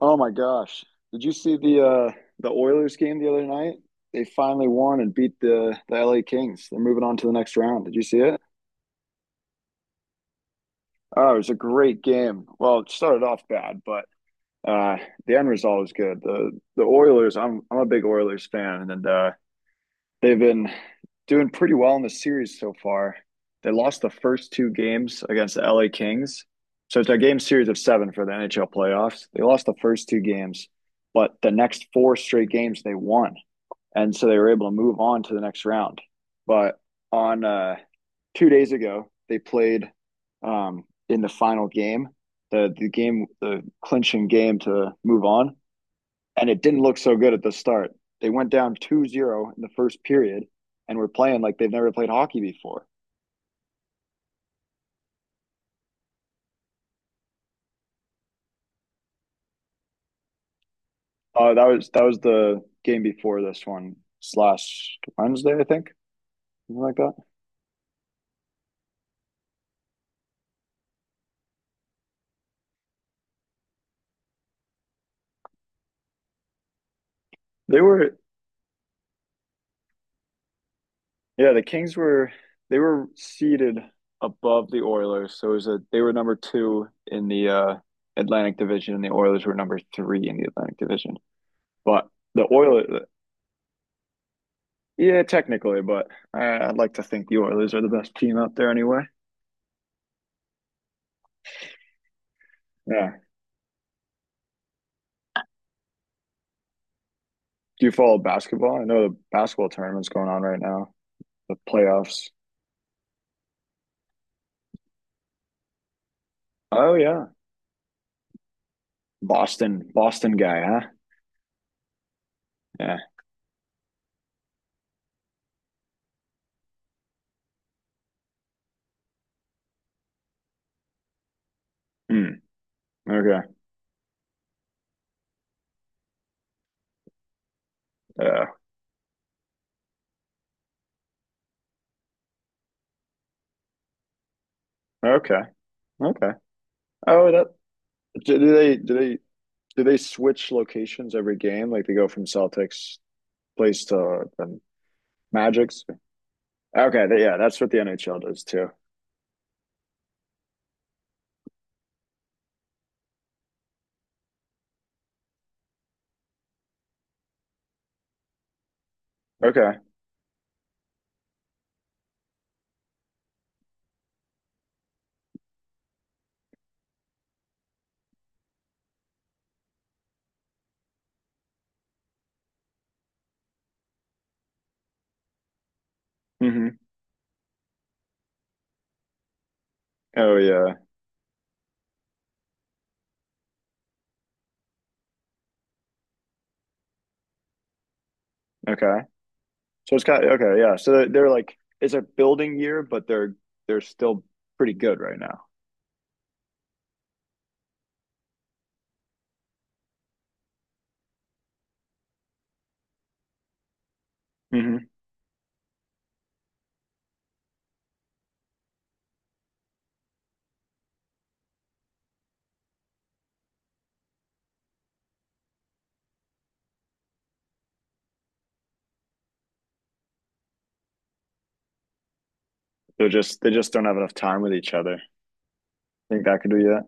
Oh my gosh. Did you see the Oilers game the other night? They finally won and beat the LA Kings. They're moving on to the next round. Did you see it? Oh, it was a great game. Well, it started off bad, but uh the end result was good. The Oilers, I'm a big Oilers fan and they've been doing pretty well in the series so far. They lost the first two games against the LA Kings. So it's a game series of seven for the NHL playoffs. They lost the first two games, but the next four straight games they won. And so they were able to move on to the next round. But on two days ago, they played in the final game, the game, the clinching game to move on, and it didn't look so good at the start. They went down two zero in the first period and were playing like they've never played hockey before. That was the game before this one slash Wednesday, I think, something like that. They were, yeah, the Kings were, they were seated above the Oilers, so it was a, they were number two in the Atlantic Division, and the Oilers were number three in the Atlantic Division. But the Oilers, yeah, technically, but I'd like to think the Oilers are the best team out there anyway. Yeah. Do you follow basketball? I know the basketball tournament's going on right now, the playoffs. Oh yeah, Boston, Boston guy, huh? Yeah. Hmm. Okay. Yeah. Okay. Okay. Oh, that, do they do they switch locations every game? Like, they go from Celtics place to the Magic's? Okay. Yeah, that's what the NHL does too. Okay. Hmm. Oh yeah. Okay. So it's kind of, okay. Yeah. So they're like, it's a building year, but they're still pretty good right now. Hmm. They're just, they just don't have enough time with each other. I think that could be it.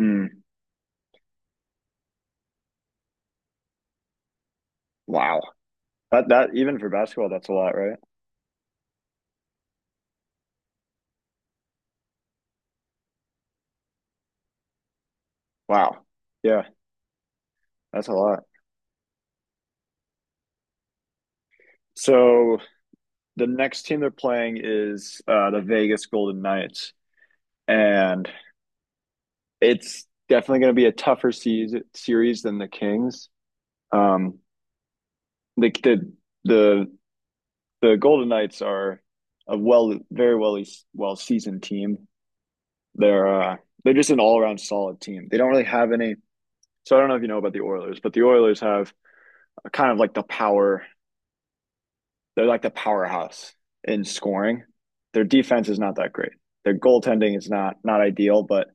Mm. Wow. That, that even for basketball, that's a lot, right? Wow. Yeah, that's a lot. So the next team they're playing is the Vegas Golden Knights, and it's definitely going to be a tougher season, series than the Kings. Um, the, the the the Golden Knights are a, well, very well, well seasoned team. They're uh, they're just an all around solid team. They don't really have any. So I don't know if you know about the Oilers, but the Oilers have a kind of like the power. They're like the powerhouse in scoring. Their defense is not that great. Their goaltending is not ideal, but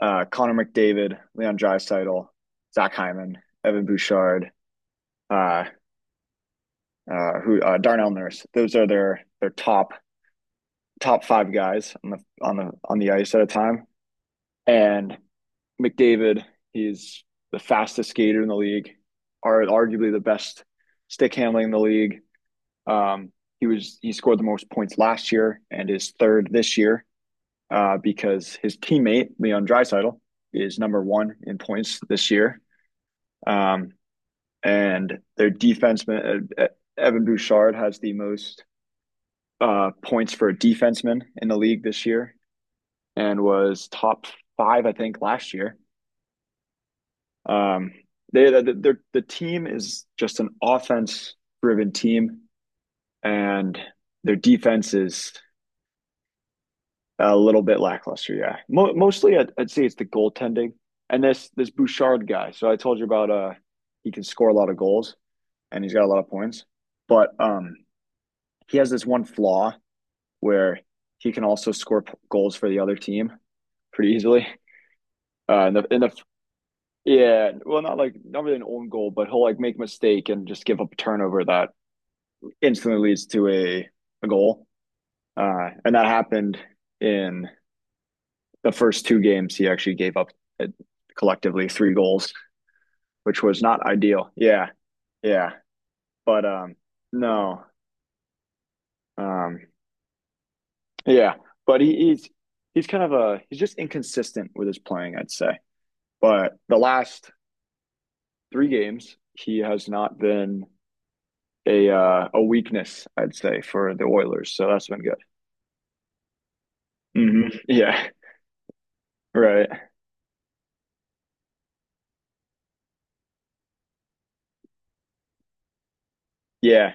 Connor McDavid, Leon Draisaitl, Zach Hyman, Evan Bouchard, uh, who Darnell Nurse. Those are their top five guys on the ice at a time. And McDavid, he's the fastest skater in the league, are arguably the best stick handling in the league. Um, he was, he scored the most points last year and is third this year, because his teammate Leon Dreisaitl is number one in points this year. Um, and their defenseman, Evan Bouchard has the most points for a defenseman in the league this year and was top five, I think, last year. Um, they, the team is just an offense driven team, and their defense is a little bit lackluster, yeah. Mo Mostly, I'd say it's the goaltending and this Bouchard guy. So I told you about, he can score a lot of goals and he's got a lot of points, but he has this one flaw where he can also score goals for the other team pretty easily. In the Yeah, well, not like, not really an own goal, but he'll like make a mistake and just give up a turnover that instantly leads to a goal. And that happened in the first two games he actually gave up, uh, collectively three goals, which was not ideal. Yeah, yeah, but no, um, yeah, but he's kind of a, he's just inconsistent with his playing, I'd say. But the last three games, he has not been a, a weakness, I'd say, for the Oilers. So that's been good. Hmm. Yeah, right. Yeah,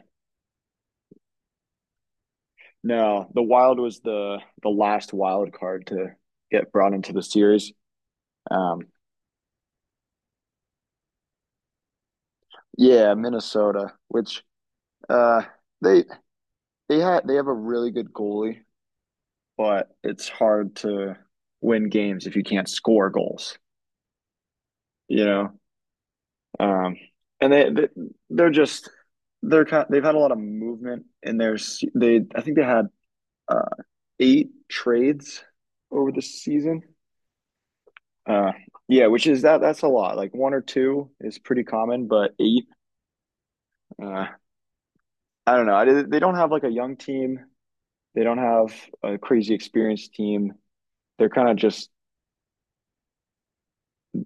no, the Wild was the last wild card to get brought into the series. Um, Yeah, Minnesota, which uh they they had, they have a really good goalie, but it's hard to win games if you can't score goals, you know. Um and they, they're just, they're kind, they've had a lot of movement in their, they, I think they had uh eight trades over the season. Uh yeah, which is, that's a lot. Like, one or two is pretty common, but eight, uh I don't know. I, they don't have like a young team. They don't have a crazy experienced team. They're kind of just,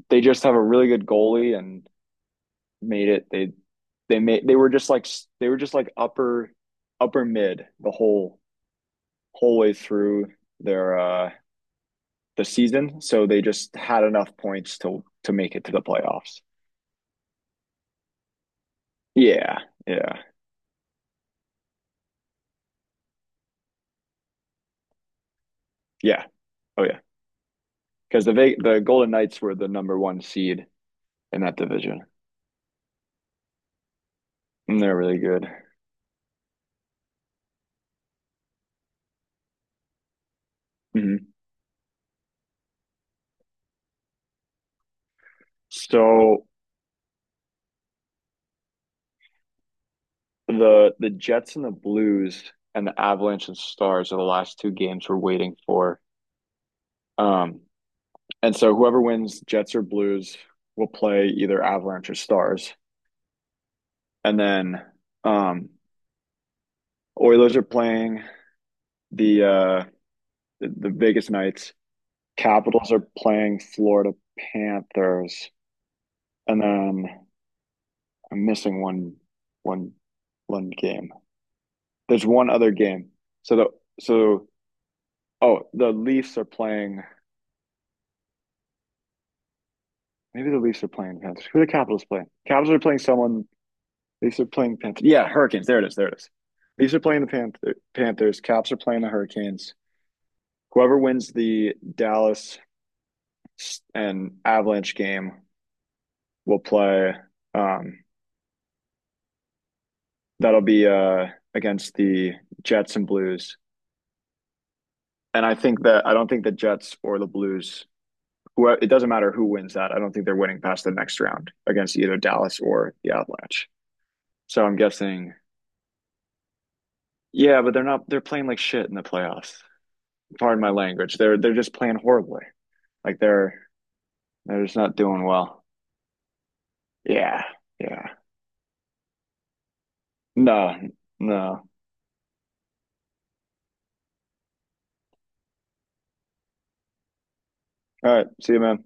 they just have a really good goalie and made it. They were just like, upper, upper mid the whole way through their, the season. So they just had enough points to make it to the playoffs. Yeah, yeah, yeah. Oh yeah, because the Golden Knights were the number one seed in that division, and they're really good. Mhm. So the Jets and the Blues and the Avalanche and Stars are the last two games we're waiting for. Um, and so whoever wins Jets or Blues will play either Avalanche or Stars. And then, um, Oilers are playing the, the Vegas Knights. Capitals are playing Florida Panthers. And then I'm missing one one game. There's one other game. So the, so oh, the Leafs are playing. Maybe the Leafs are playing Panthers. Who are the Capitals playing? Capitals are playing someone. Leafs are playing Panthers. Yeah, Hurricanes. There it is. There it is. Leafs are playing the Panthers. Caps are playing the Hurricanes. Whoever wins the Dallas and Avalanche game will play. Um, that'll be, against the Jets and Blues. And I think that, I don't think the Jets or the Blues. Who, it doesn't matter who wins that. I don't think they're winning past the next round against either Dallas or the Avalanche. So I'm guessing. Yeah, but they're not, they're playing like shit in the playoffs. Pardon my language. They're just playing horribly. Like, they're just not doing well. Yeah. Yeah. No. No. All right. See you, man.